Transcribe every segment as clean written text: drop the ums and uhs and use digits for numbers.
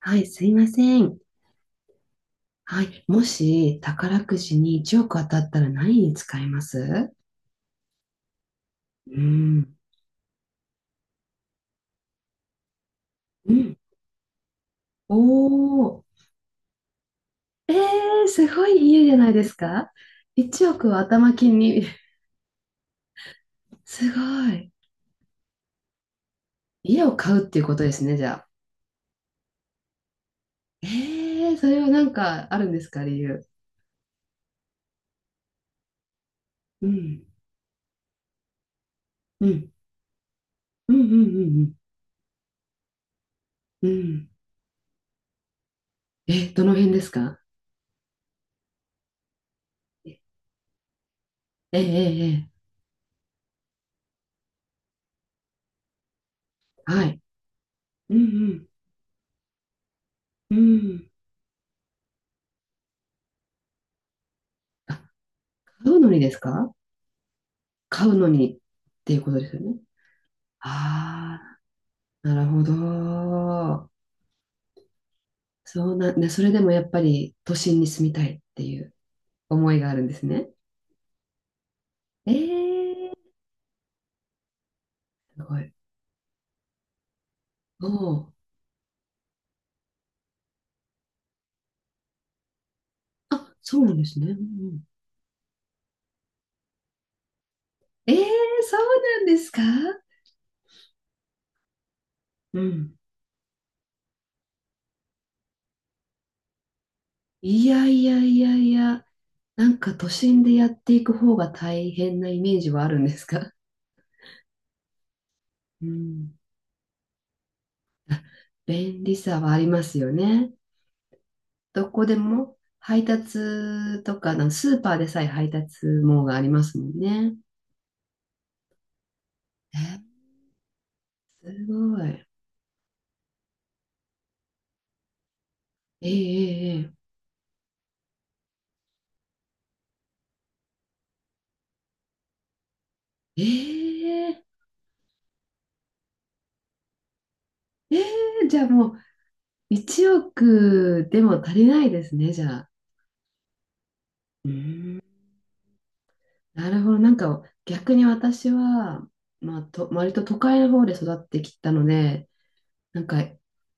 はい、すいません。はい、もし宝くじに1億当たったら何に使います？うん。うん。おー。えー、すごい家じゃないですか？ 1 億を頭金に。すごい。家を買うっていうことですね、じゃあ。えー、それはなんかあるんですか、理由。うん。うん。うんうんうんうん。うん。え、どの辺ですか？ええええええ。はい。うんうん。うん。あ、買うのにですか？買うのにっていうことですよね。ああ、なるほど。そうなんで、それでもやっぱり都心に住みたいっていう思いがあるんですね。ええ。すごい。おー。あ、そうなんですね。うんうん。ええ。そうなんですか？うん。いやいやいやいや、なんか都心でやっていく方が大変なイメージはあるんですか？うん。便利さはありますよね。どこでも配達とか、あのスーパーでさえ配達網がありますもんね。え、すごい。ええええええええ。じゃあもう1億でも足りないですね、じゃあ。うーん、なるほど。なんか逆に私は、まあ、と割と都会の方で育ってきたので、なんか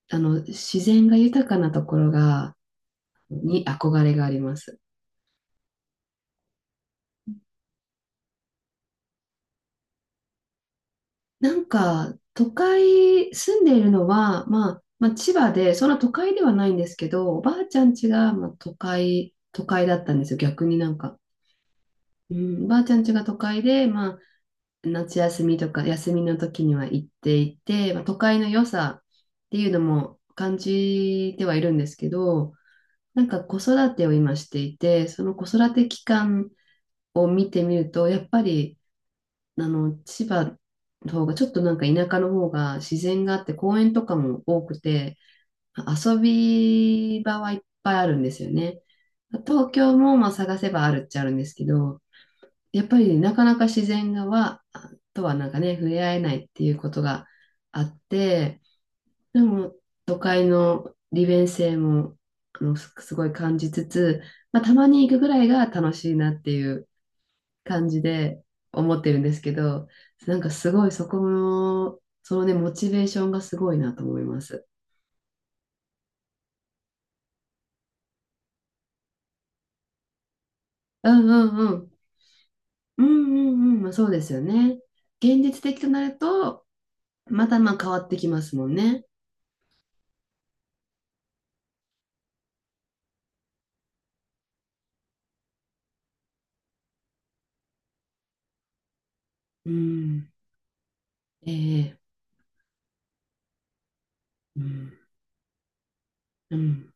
あの自然が豊かなところがに憧れがあります。なんか、都会、住んでいるのは、まあ、まあ、千葉で、そんな都会ではないんですけど、おばあちゃん家が、まあ、都会、都会だったんですよ、逆になんか。うん、おばあちゃん家が都会で、まあ、夏休みとか、休みの時には行っていて、まあ、都会の良さっていうのも感じてはいるんですけど、なんか子育てを今していて、その子育て期間を見てみると、やっぱり、あの、千葉の方が、ちょっとなんか田舎の方が自然があって、公園とかも多くて、遊び場はいっぱいあるんですよね。東京もまあ探せばあるっちゃあるんですけど、やっぱりなかなか自然がは、とはなんかね、触れ合えないっていうことがあって、でも都会の利便性もあのすすごい感じつつ、まあ、たまに行くぐらいが楽しいなっていう感じで思ってるんですけど、なんかすごいそこの、そのね、モチベーションがすごいなと思います。うんうんうん。うんうんうん。まあそうですよね。現実的となると、またまあ変わってきますもんね。うん。ええ。うん。うん。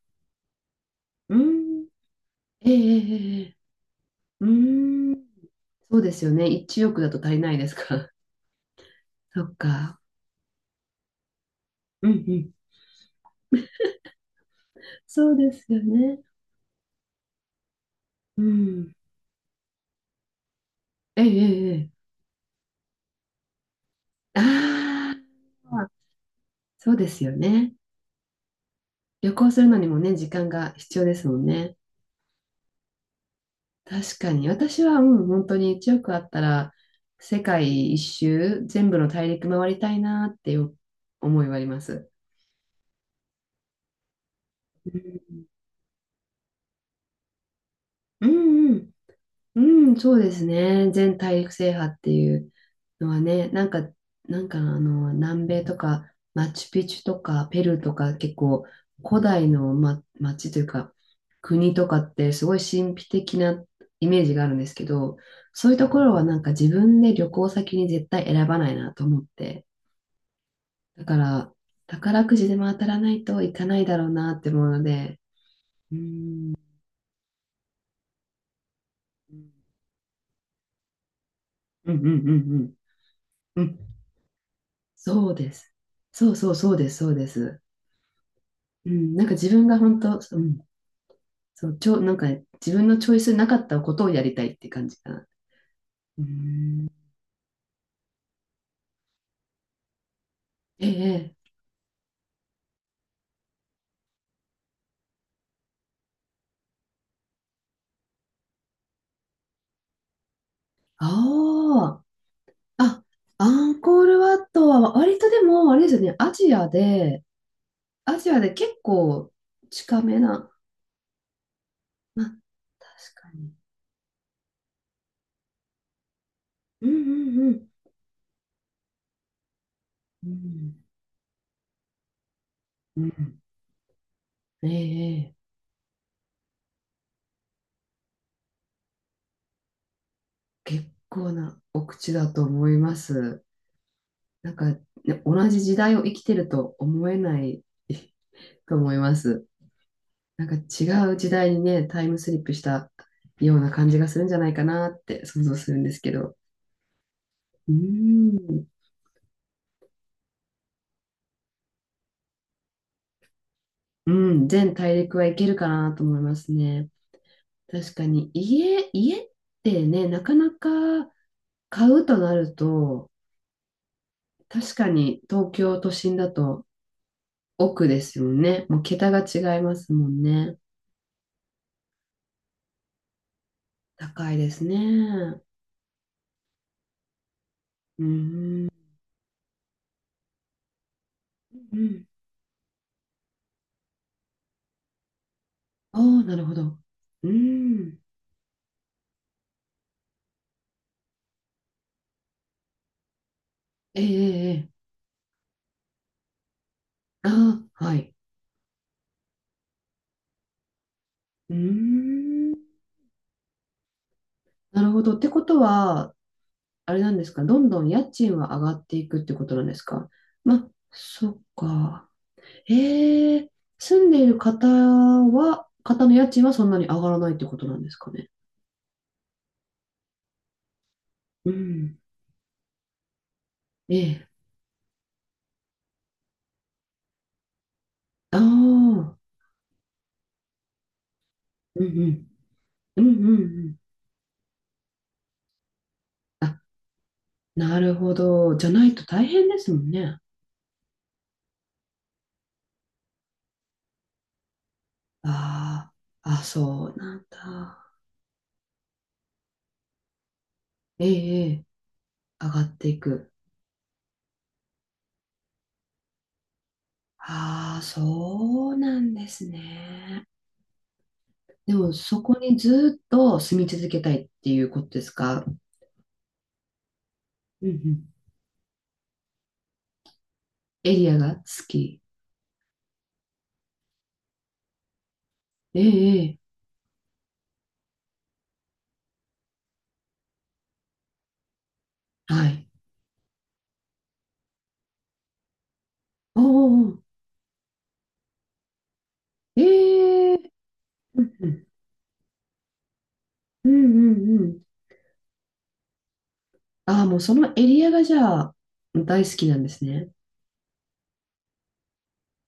うん。ええええええ。うん。そうですよね。1億だと足りないですか？そっか。うんうん。そうですよね。うん。ええええええ。ああ。そうですよね。旅行するのにもね、時間が必要ですもんね。確かに。私は、うん、本当に1億あったら、世界一周、全部の大陸回りたいなっていう思いはあります。うん、うん、うん。うん、そうですね。全大陸制覇っていうのはね、なんか、なんかあの、南米とか、マチュピチュとか、ペルーとか、結構、古代の、ま、町というか、国とかって、すごい神秘的なイメージがあるんですけど、そういうところはなんか自分で旅行先に絶対選ばないなと思って、だから、宝くじでも当たらないといかないだろうなって思うので、うん、うんうんうんうん。うん。そうです。そうそうそうです、そうです。うん、なんか自分が本当、うん、そう、なんか自分のチョイスなかったことをやりたいって感じかな。うん、ええ、ああ、あ、アンコールワットは割とでも、あれですよね、アジアで、結構近めな、まあ、確かに。うんうんうん。うん、うん、ええ。結構なお口だと思います。なんか、ね、同じ時代を生きてると思えない と思います。なんか違う時代にね、タイムスリップしたような感じがするんじゃないかなって想像するんですけど。うーん。うん、全大陸はいけるかなと思いますね。確かに家ってね、なかなか買うとなると、確かに東京都心だと奥ですよね。もう桁が違いますもんね。高いですね。うーん。うん。ああ、なるほど。うーん。ええ、ええ、ああー、はい。うーん。なるほど。ってことは、あれなんですか、どんどん家賃は上がっていくってことなんですか？ま、そっか。ええ、住んでいる方の家賃はそんなに上がらないってことなんですかね。うん。ええ。ああ、うんうん。うんうんうん。あ、なるほど。じゃないと大変ですもんね。ああ、あ、そうなんだ。ええ、え、上がっていく。ああ、そうなんですね。でも、そこにずっと住み続けたいっていうことですか？うんうん。エリアが好き。ええ、ええ、はい。おーおー、ええ、うんうん、うんうんうん。ああ、もうそのエリアがじゃあ、大好きなんですね。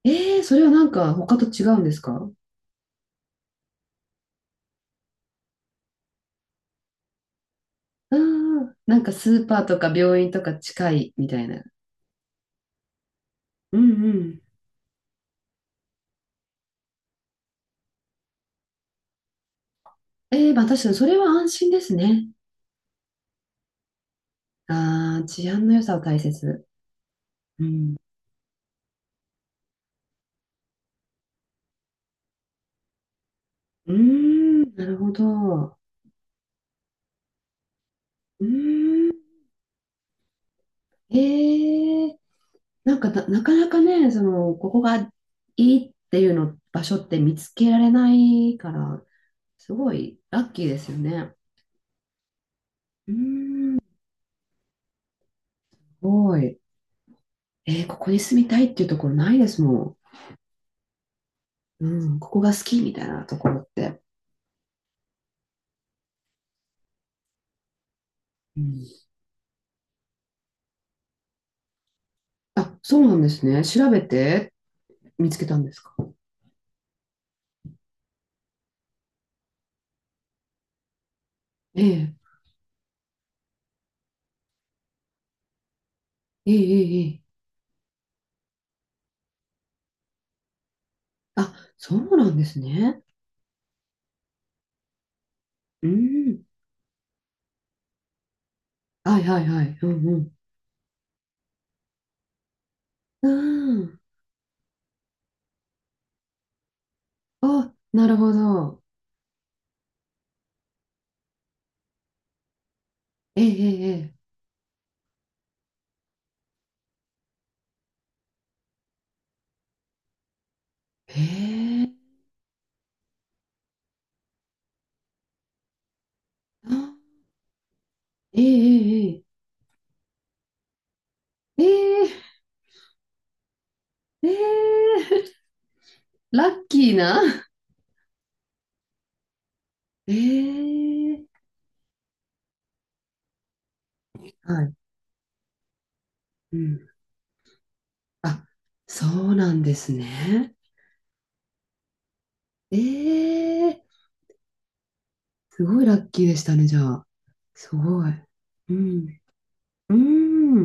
ええ、それはなんか他と違うんですか？ああー、なんかスーパーとか病院とか近いみたいな。うんうん。ええ、まあ確かにそれは安心ですね。ああ、治安の良さを大切。うん。うーん、なるほど。うーん。ええ。なんかな、なかなかね、その、ここがいいっていうの場所って見つけられないから、すごいラッキーですよね。うん、すごい。えー、ここに住みたいっていうところないですもん。うん、ここが好きみたいなところって。うん、あ、そうなんですね。調べて見つけたんですか。ええええええええ。あ、そうなんですね。うん。はいはいはい。うんうん。うん。あ、なるほど。ええええ。ええ。ええ、あ、ええええ。ええ。ええええ、ラッキーな。ええ。はい。うん。あ、そうなんですね。ええ。すごいラッキーでしたね、じゃあ。すごい。うん。うん。